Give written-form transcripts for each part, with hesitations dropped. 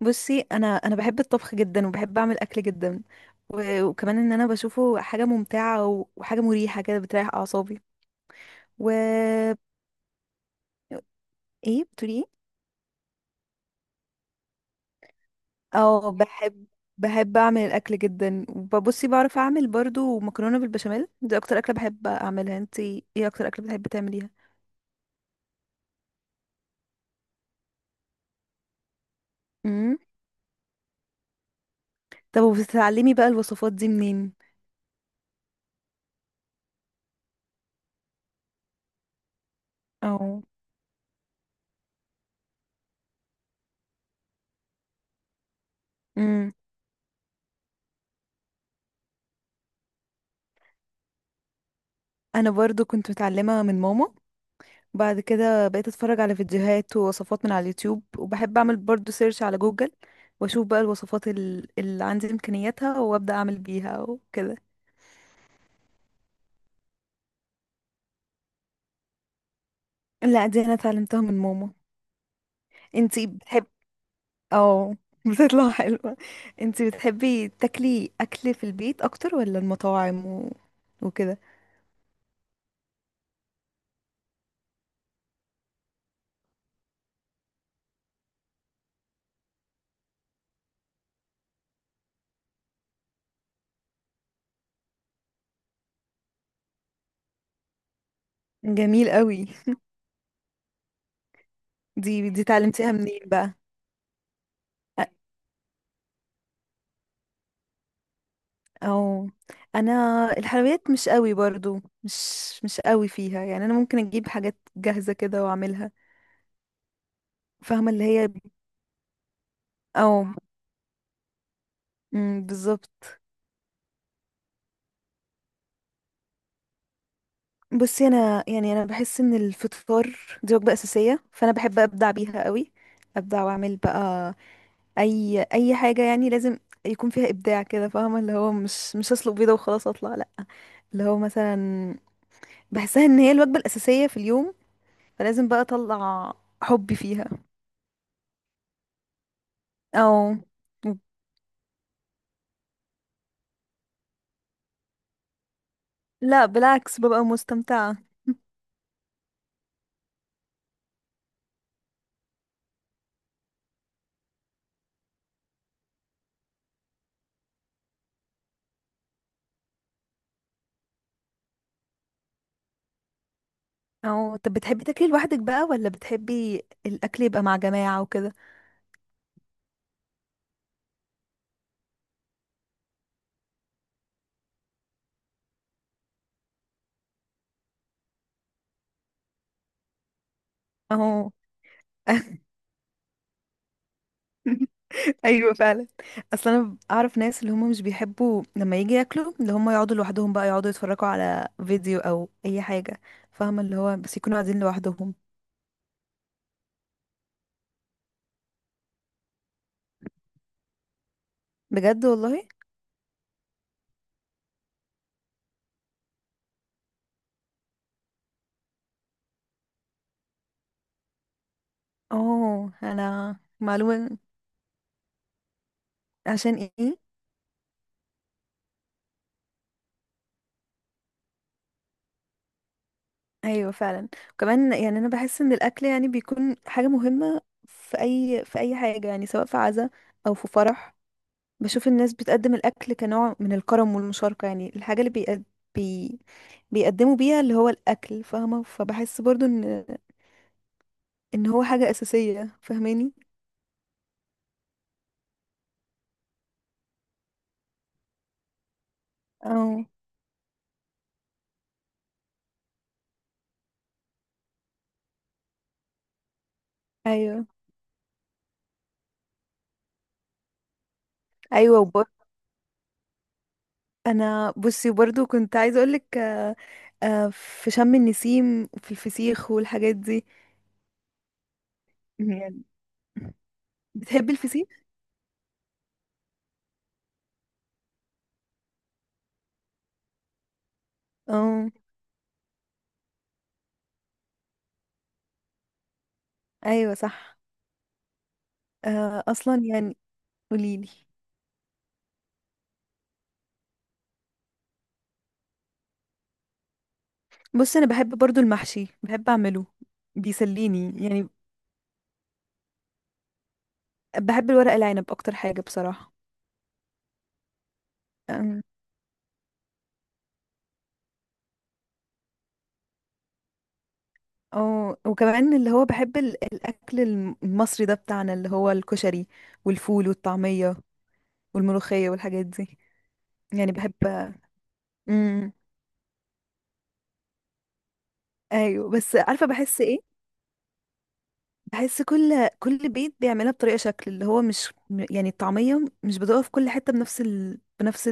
بصي، انا بحب الطبخ جدا، وبحب اعمل اكل جدا. وكمان انا بشوفه حاجه ممتعه، وحاجه مريحه كده بتريح اعصابي. و ايه؟ بتقولي ايه؟ اه، بحب. بحب اعمل الاكل جدا. وبصي، بعرف اعمل برضو مكرونه بالبشاميل. دي اكتر اكله بحب اعملها. انتي ايه اكتر اكله بتحبي تعمليها؟ امم طب، وبتتعلمي بقى الوصفات دي منين؟ او. امم انا برضو كنت متعلمه من ماما. بعد كده بقيت اتفرج على فيديوهات ووصفات من على اليوتيوب، وبحب اعمل برضو سيرش على جوجل. واشوف بقى الوصفات اللي عندي امكانياتها، وابدا اعمل بيها وكده. لا، دي انا اتعلمتها من ماما. انتي بتحب... اه. بتطلع حلوة. انتي بتحبي تاكلي اكل في البيت اكتر ولا المطاعم وكده؟ جميل قوي. دي اتعلمتيها منين بقى؟ او. انا... الحلويات مش قوي برضو، مش... مش قوي فيها يعني. انا ممكن اجيب حاجات جاهزة كده واعملها. فاهمة اللي هي. او. أمم، بالظبط. بصي، انا يعني انا بحس ان الفطار... دي وجبة اساسية، فانا بحب ابدع بيها قوي. ابدع واعمل بقى اي حاجة يعني، لازم يكون فيها ابداع كده، فاهمة اللي هو، مش هسلق بيضة وخلاص اطلع، لا. اللي هو مثلا، بحسها ان هي الوجبة الاساسية في اليوم، فلازم بقى اطلع حبي فيها. او. لا، بالعكس، ببقى مستمتعة. او طب، بتحبي تاكلي لوحدك بقى ولا بتحبي الاكل يبقى مع جماعة وكده؟ اهو. ايوه، فعلا. اصل انا اعرف ناس اللي هم مش بيحبوا لما يجي ياكلوا، اللي هم يقعدوا لوحدهم بقى يقعدوا يتفرجوا على فيديو او اي حاجة. فاهمة اللي هو، بس يكونوا قاعدين لوحدهم. بجد؟ والله. اه، انا معلومة. عشان ايه؟ ايوه فعلا. وكمان يعني انا بحس ان الاكل يعني بيكون حاجه مهمه. في اي حاجه، يعني سواء في عزا، او في فرح. بشوف الناس بتقدم الاكل كنوع من الكرم والمشاركه، يعني الحاجه اللي بي... بيقدموا بيها اللي هو الاكل، فاهمه، فبحس برضو ان هو حاجه اساسيه، فاهماني. اه. ايوه ايوه، وب... انا بصي، برضو كنت عايزه اقولك في شم النسيم وفي الفسيخ والحاجات دي. يعني. بتحبي الفسيخ؟ اه، ايوه، صح. اصلا يعني. قوليلي. بص، انا بحب برضو المحشي، بحب اعمله. بيسليني يعني. بحب الورق العنب، اكتر حاجة بصراحة. أم. اه، وكمان اللي هو بحب الاكل المصري ده بتاعنا اللي هو الكشري، والفول والطعمية، والملوخية والحاجات دي. يعني بحب. امم، ايوه، بس عارفة بحس ايه؟ بحس كل بيت بيعملها بطريقة شكل، اللي هو مش يعني الطعمية مش بتقف في كل حتة بنفس بنفس...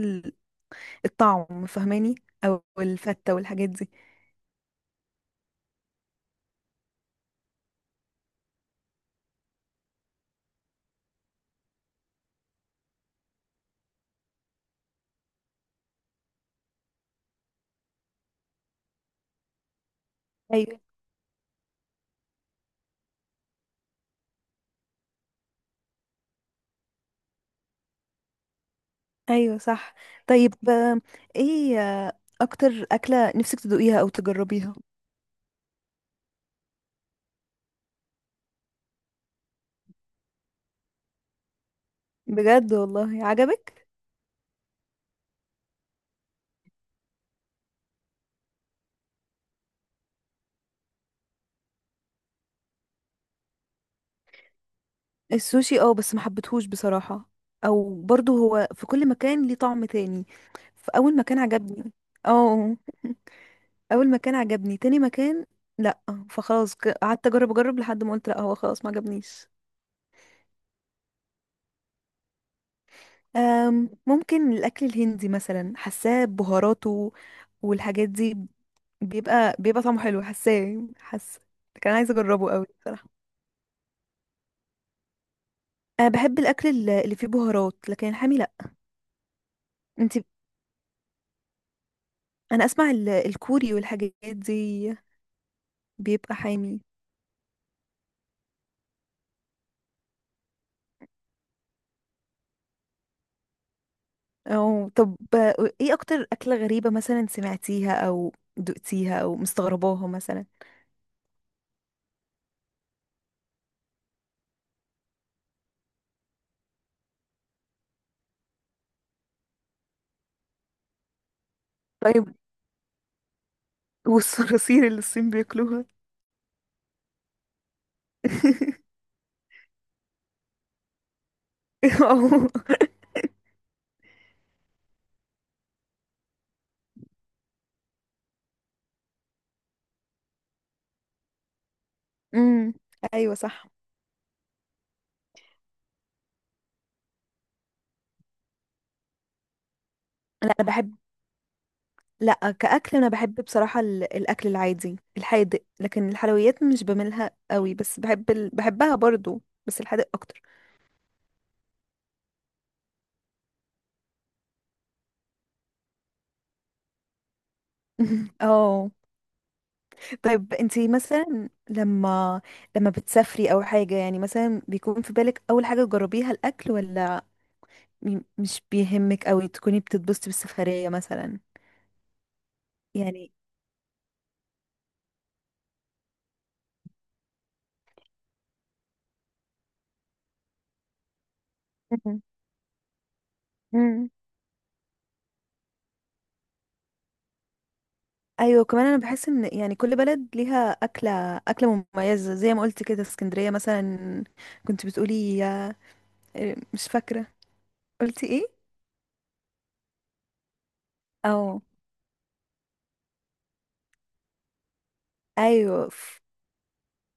الطعم، فاهماني. او الفتة والحاجات دي. ايوه، ايوه، صح. طيب، ايه اكتر اكلة نفسك تدوقيها او تجربيها؟ بجد؟ والله عجبك؟ السوشي، اه، بس ما حبيتهوش بصراحة. او برضو هو في كل مكان ليه طعم تاني. فاول مكان عجبني. اه، اول مكان عجبني، تاني مكان... لا. فخلاص، قعدت اجرب اجرب لحد ما قلت لا، هو خلاص ما عجبنيش. ممكن الاكل الهندي مثلا، حاساه بهاراته والحاجات دي. بيبقى طعمه حلو، حاساه، حاسه... كان عايزه اجربه قوي بصراحه. انا بحب الاكل اللي فيه بهارات، لكن الحامي لا. انت... انا اسمع الكوري والحاجات دي. بيبقى حامي. او طب، ايه اكتر اكله غريبه مثلا سمعتيها او دقتيها او مستغرباها مثلا؟ طيب، والصراصير اللي الصين بياكلوها؟ أو-. امم، ايوه، صح. لا، انا بحب... لا، كأكل أنا بحب بصراحة الأكل العادي الحادق، لكن الحلويات مش بملها قوي، بس بحبها برضو بس الحادق أكتر. اه. طيب، انتي مثلا لما بتسافري أو حاجة يعني، مثلا بيكون في بالك أول حاجة تجربيها الأكل، ولا مش بيهمك أوي تكوني بتتبسطي بالسفرية مثلا؟ يعني. مم. مم. ايوه، كمان انا بحس ان يعني كل بلد ليها اكله مميزه، زي ما قلت كده اسكندريه مثلا. كنت بتقولي؟ إيه، مش فاكرة. قلتي ايه؟ او. ايوه،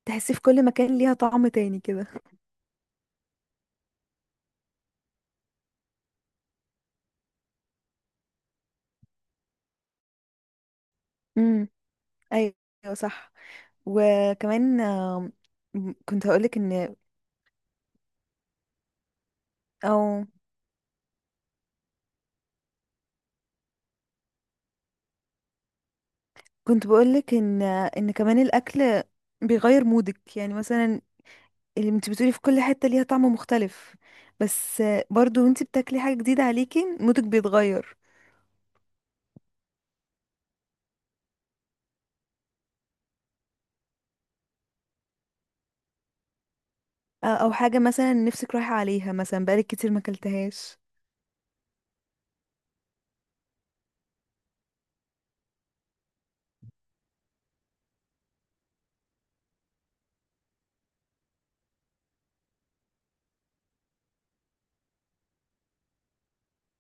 تحسيه في كل مكان ليها طعم تاني كده. امم، ايوه، صح. وكمان كنت هقولك ان... او، كنت بقولك ان كمان الاكل بيغير مودك، يعني مثلا اللي انت بتقولي في كل حتة ليها طعم مختلف. بس برضو، وانت بتاكلي حاجة جديدة عليكي مودك بيتغير. او حاجة مثلا نفسك رايحة عليها، مثلا بقالك كتير ما اكلتهاش.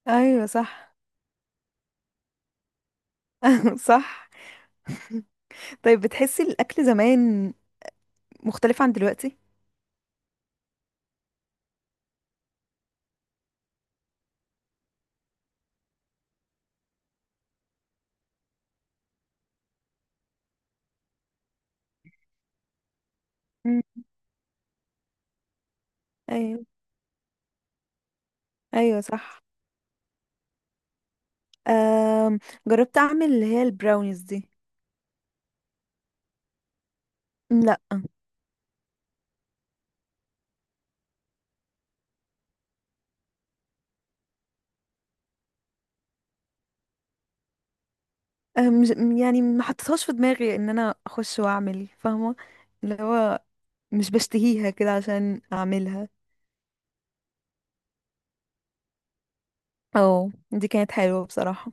ايوه صح. صح. طيب، بتحسي الأكل زمان مختلف عن دلوقتي؟ مم. ايوه. ايوه، صح. أم... جربت أعمل اللي هي البراونيز دي. لا. أم... مش- يعني ما حطيتهاش في دماغي إن أنا أخش وأعمل، فاهمة اللي هو مش بشتهيها كده عشان أعملها. أو دي كانت حلوة بصراحة.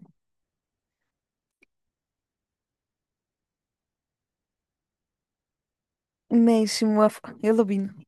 ماشي، موافقة، يلا بينا.